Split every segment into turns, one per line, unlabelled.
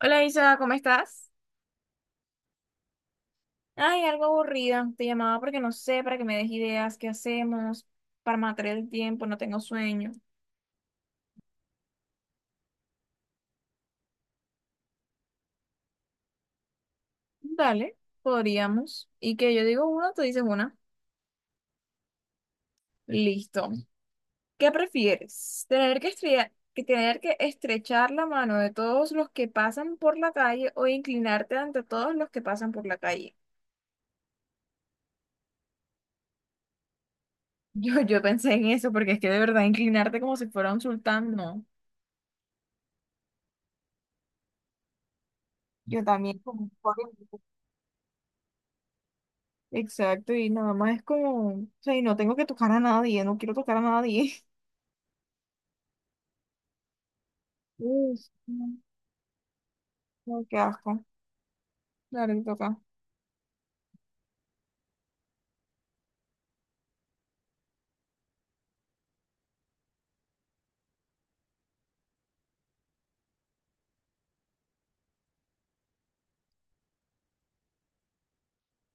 Hola Isa, ¿cómo estás? Ay, algo aburrida. Te llamaba porque no sé, para que me des ideas, qué hacemos para matar el tiempo, no tengo sueño. Dale, podríamos. Y que yo digo una, tú dices una. Listo. ¿Qué prefieres? ¿Tener que estrechar la mano de todos los que pasan por la calle o inclinarte ante todos los que pasan por la calle? Yo pensé en eso porque es que de verdad inclinarte como si fuera un sultán, no. Yo también, como un pobre. Exacto, y nada más es como, o sea, y no tengo que tocar a nadie, no quiero tocar a nadie. Uy, no, no, qué asco. Claro, que toca.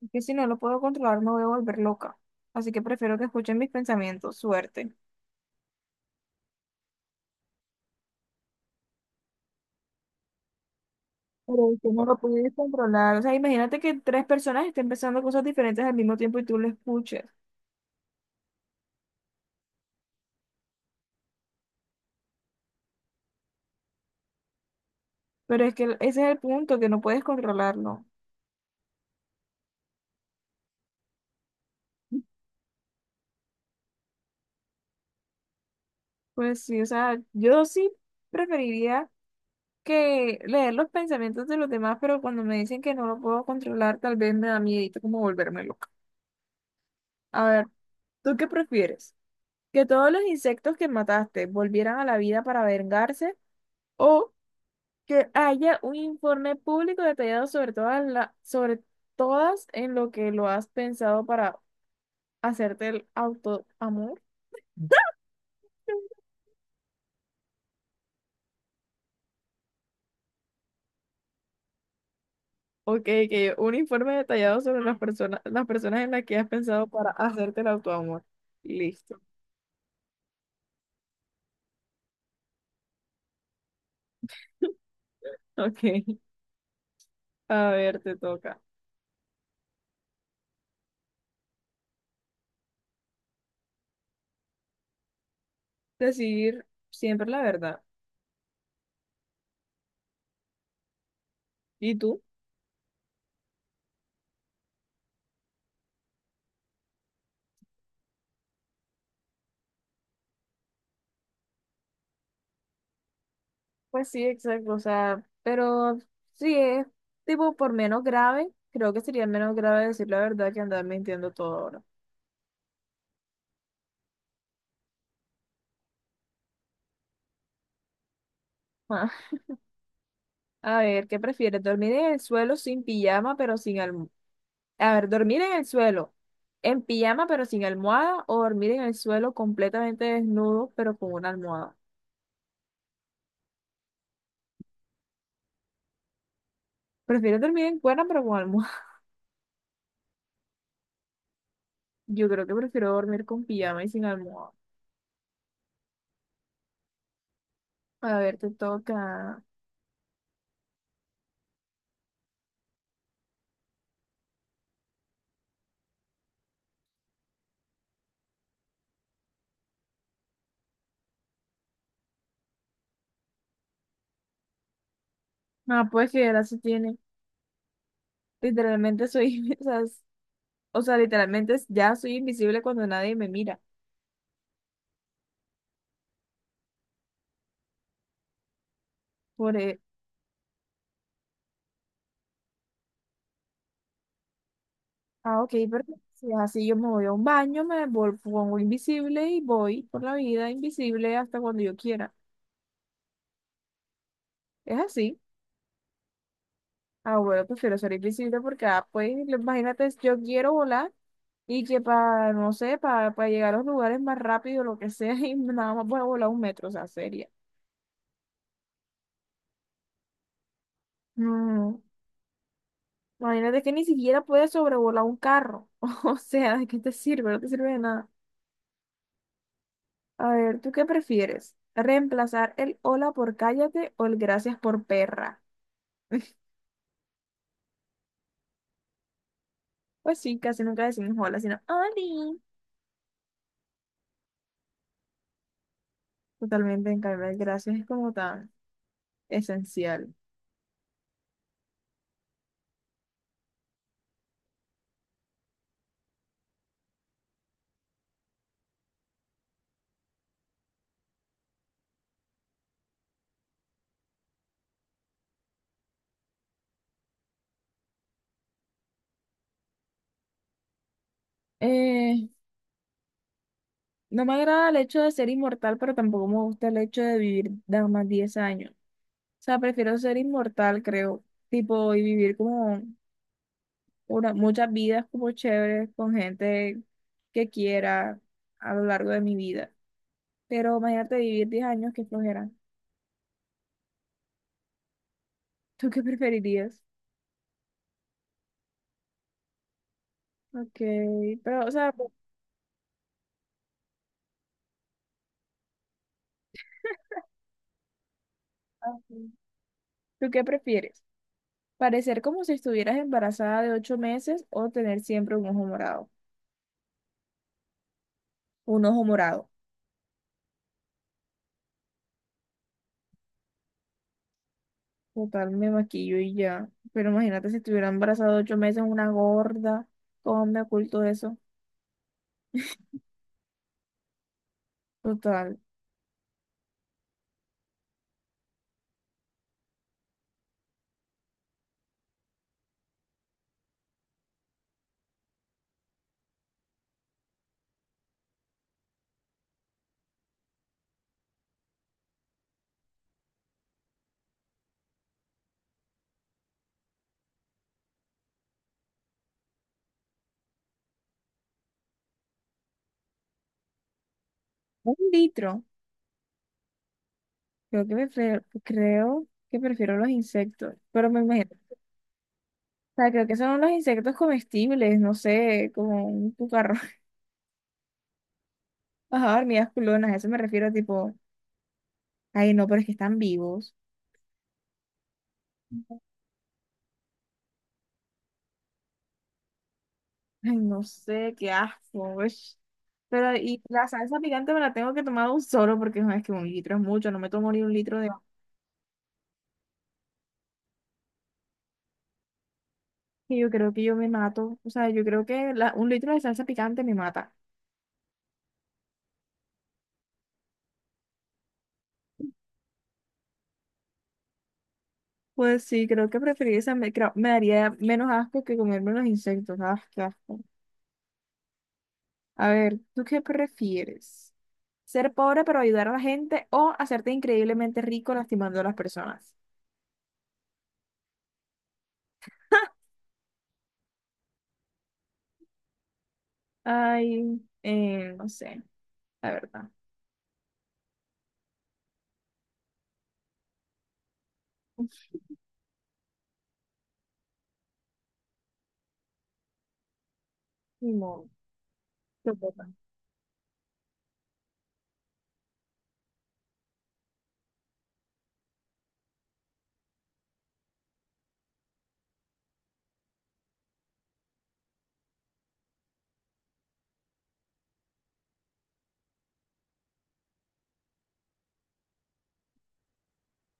Es que si no lo puedo controlar, me voy a volver loca. Así que prefiero que escuchen mis pensamientos, suerte. Pero es que no lo puedes controlar. O sea, imagínate que tres personas estén pensando cosas diferentes al mismo tiempo y tú lo escuches. Pero es que ese es el punto, que no puedes controlarlo. Pues sí, o sea, yo sí preferiría que leer los pensamientos de los demás, pero cuando me dicen que no lo puedo controlar, tal vez me da miedito como volverme loca. A ver, ¿tú qué prefieres? ¿Que todos los insectos que mataste volvieran a la vida para vengarse? ¿O que haya un informe público detallado sobre todas en lo que lo has pensado para hacerte el autoamor? Ok, que un informe detallado sobre las personas en las que has pensado para hacerte el autoamor. Listo. Ok. A ver, te toca decir siempre la verdad. ¿Y tú? Pues sí, exacto, o sea, pero sí es tipo por menos grave, creo que sería menos grave decir la verdad que andar mintiendo todo ahora. Ah, a ver, ¿qué prefieres? ¿Dormir en el suelo sin pijama pero sin almohada? A ver, ¿dormir en el suelo en pijama pero sin almohada o dormir en el suelo completamente desnudo pero con una almohada? ¿Prefieres dormir en cuerda pero con almohada? Yo creo que prefiero dormir con pijama y sin almohada. A ver, te toca. Ah, pues que ya se tiene. Literalmente soy, o sea, o sea, literalmente ya soy invisible cuando nadie me mira. Por, e- ah, ok, perfecto. Si es así, yo me voy a un baño, me pongo invisible y voy por la vida invisible hasta cuando yo quiera. Es así. Ah, bueno, prefiero ser invisible porque, ah, pues, imagínate, yo quiero volar y que para, no sé, para llegar a los lugares más rápido, lo que sea, y nada más voy a volar un metro, o sea, seria. No. Imagínate que ni siquiera puedes sobrevolar un carro. O sea, ¿de qué te sirve? No te sirve de nada. A ver, ¿tú qué prefieres? ¿Reemplazar el hola por cállate o el gracias por perra? Pues sí, casi nunca decimos hola, sino oli. Totalmente, en cambio, el gracias es como tan esencial. Eh, no me agrada el hecho de ser inmortal, pero tampoco me gusta el hecho de vivir nada más 10 años. O sea, prefiero ser inmortal, creo. Tipo, y vivir como muchas vidas como chéveres con gente que quiera a lo largo de mi vida. Pero imagínate vivir 10 años, que flojera. ¿Tú qué preferirías? Ok, pero, o sea, pues, ah, sí. ¿Tú qué prefieres? ¿Parecer como si estuvieras embarazada de 8 meses o tener siempre un ojo morado? Un ojo morado. Total, me maquillo y ya. Pero imagínate si estuviera embarazada de 8 meses, una gorda. ¿Cómo me oculto eso? Total. Un litro. Creo que, prefiero los insectos, pero me imagino. O sea, creo que son los insectos comestibles, no sé, como un cucarro. Ajá, hormigas culonas, a eso me refiero, tipo, ay, no, pero es que están vivos. Ay, no sé, qué asco. Ush. Pero, y la salsa picante me la tengo que tomar un solo, porque no, es que un litro es mucho, no me tomo ni un litro de. Y yo creo que yo me mato, o sea, yo creo que un litro de salsa picante me mata. Pues sí, creo que preferiría esa, me, me daría menos asco que comerme los insectos, ah, qué asco. A ver, ¿tú qué prefieres? ¿Ser pobre pero ayudar a la gente o hacerte increíblemente rico lastimando a las personas? Ay, no sé, la verdad. Ni modo. Te toca.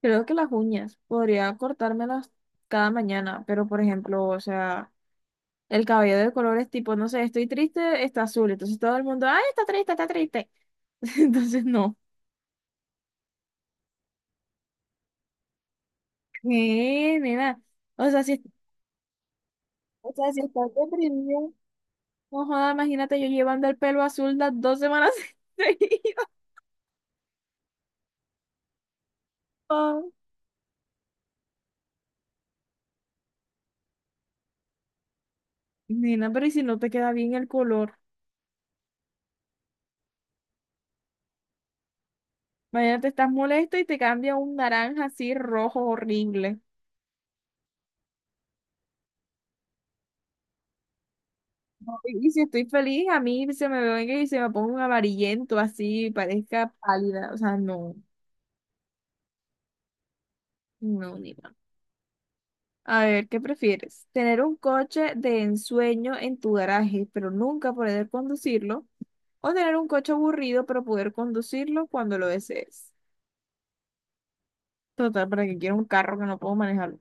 Creo que las uñas podría cortármelas cada mañana, pero por ejemplo, o sea, el cabello de colores tipo, no sé, estoy triste, está azul, entonces todo el mundo, ay, está triste, está triste. Entonces no. ¿Qué, nena? O sea, si, o sea, si estás deprimida, no joda, imagínate yo llevando el pelo azul las 2 semanas seguidas. Nena, pero ¿y si no te queda bien el color? Imagínate, estás molesta y te cambia un naranja así rojo horrible. No, y si estoy feliz, a mí se me venga y se me ponga un amarillento así, parezca pálida. O sea, no, no, nena. A ver, ¿qué prefieres? ¿Tener un coche de ensueño en tu garaje, pero nunca poder conducirlo? ¿O tener un coche aburrido, pero poder conducirlo cuando lo desees? Total, para que quiera un carro que no puedo manejarlo.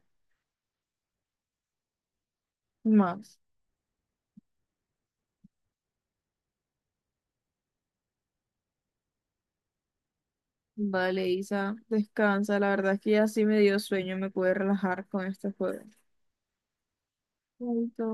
Más. Vale, Isa, descansa. La verdad es que ya sí me dio sueño, me pude relajar con este juego. Chaito.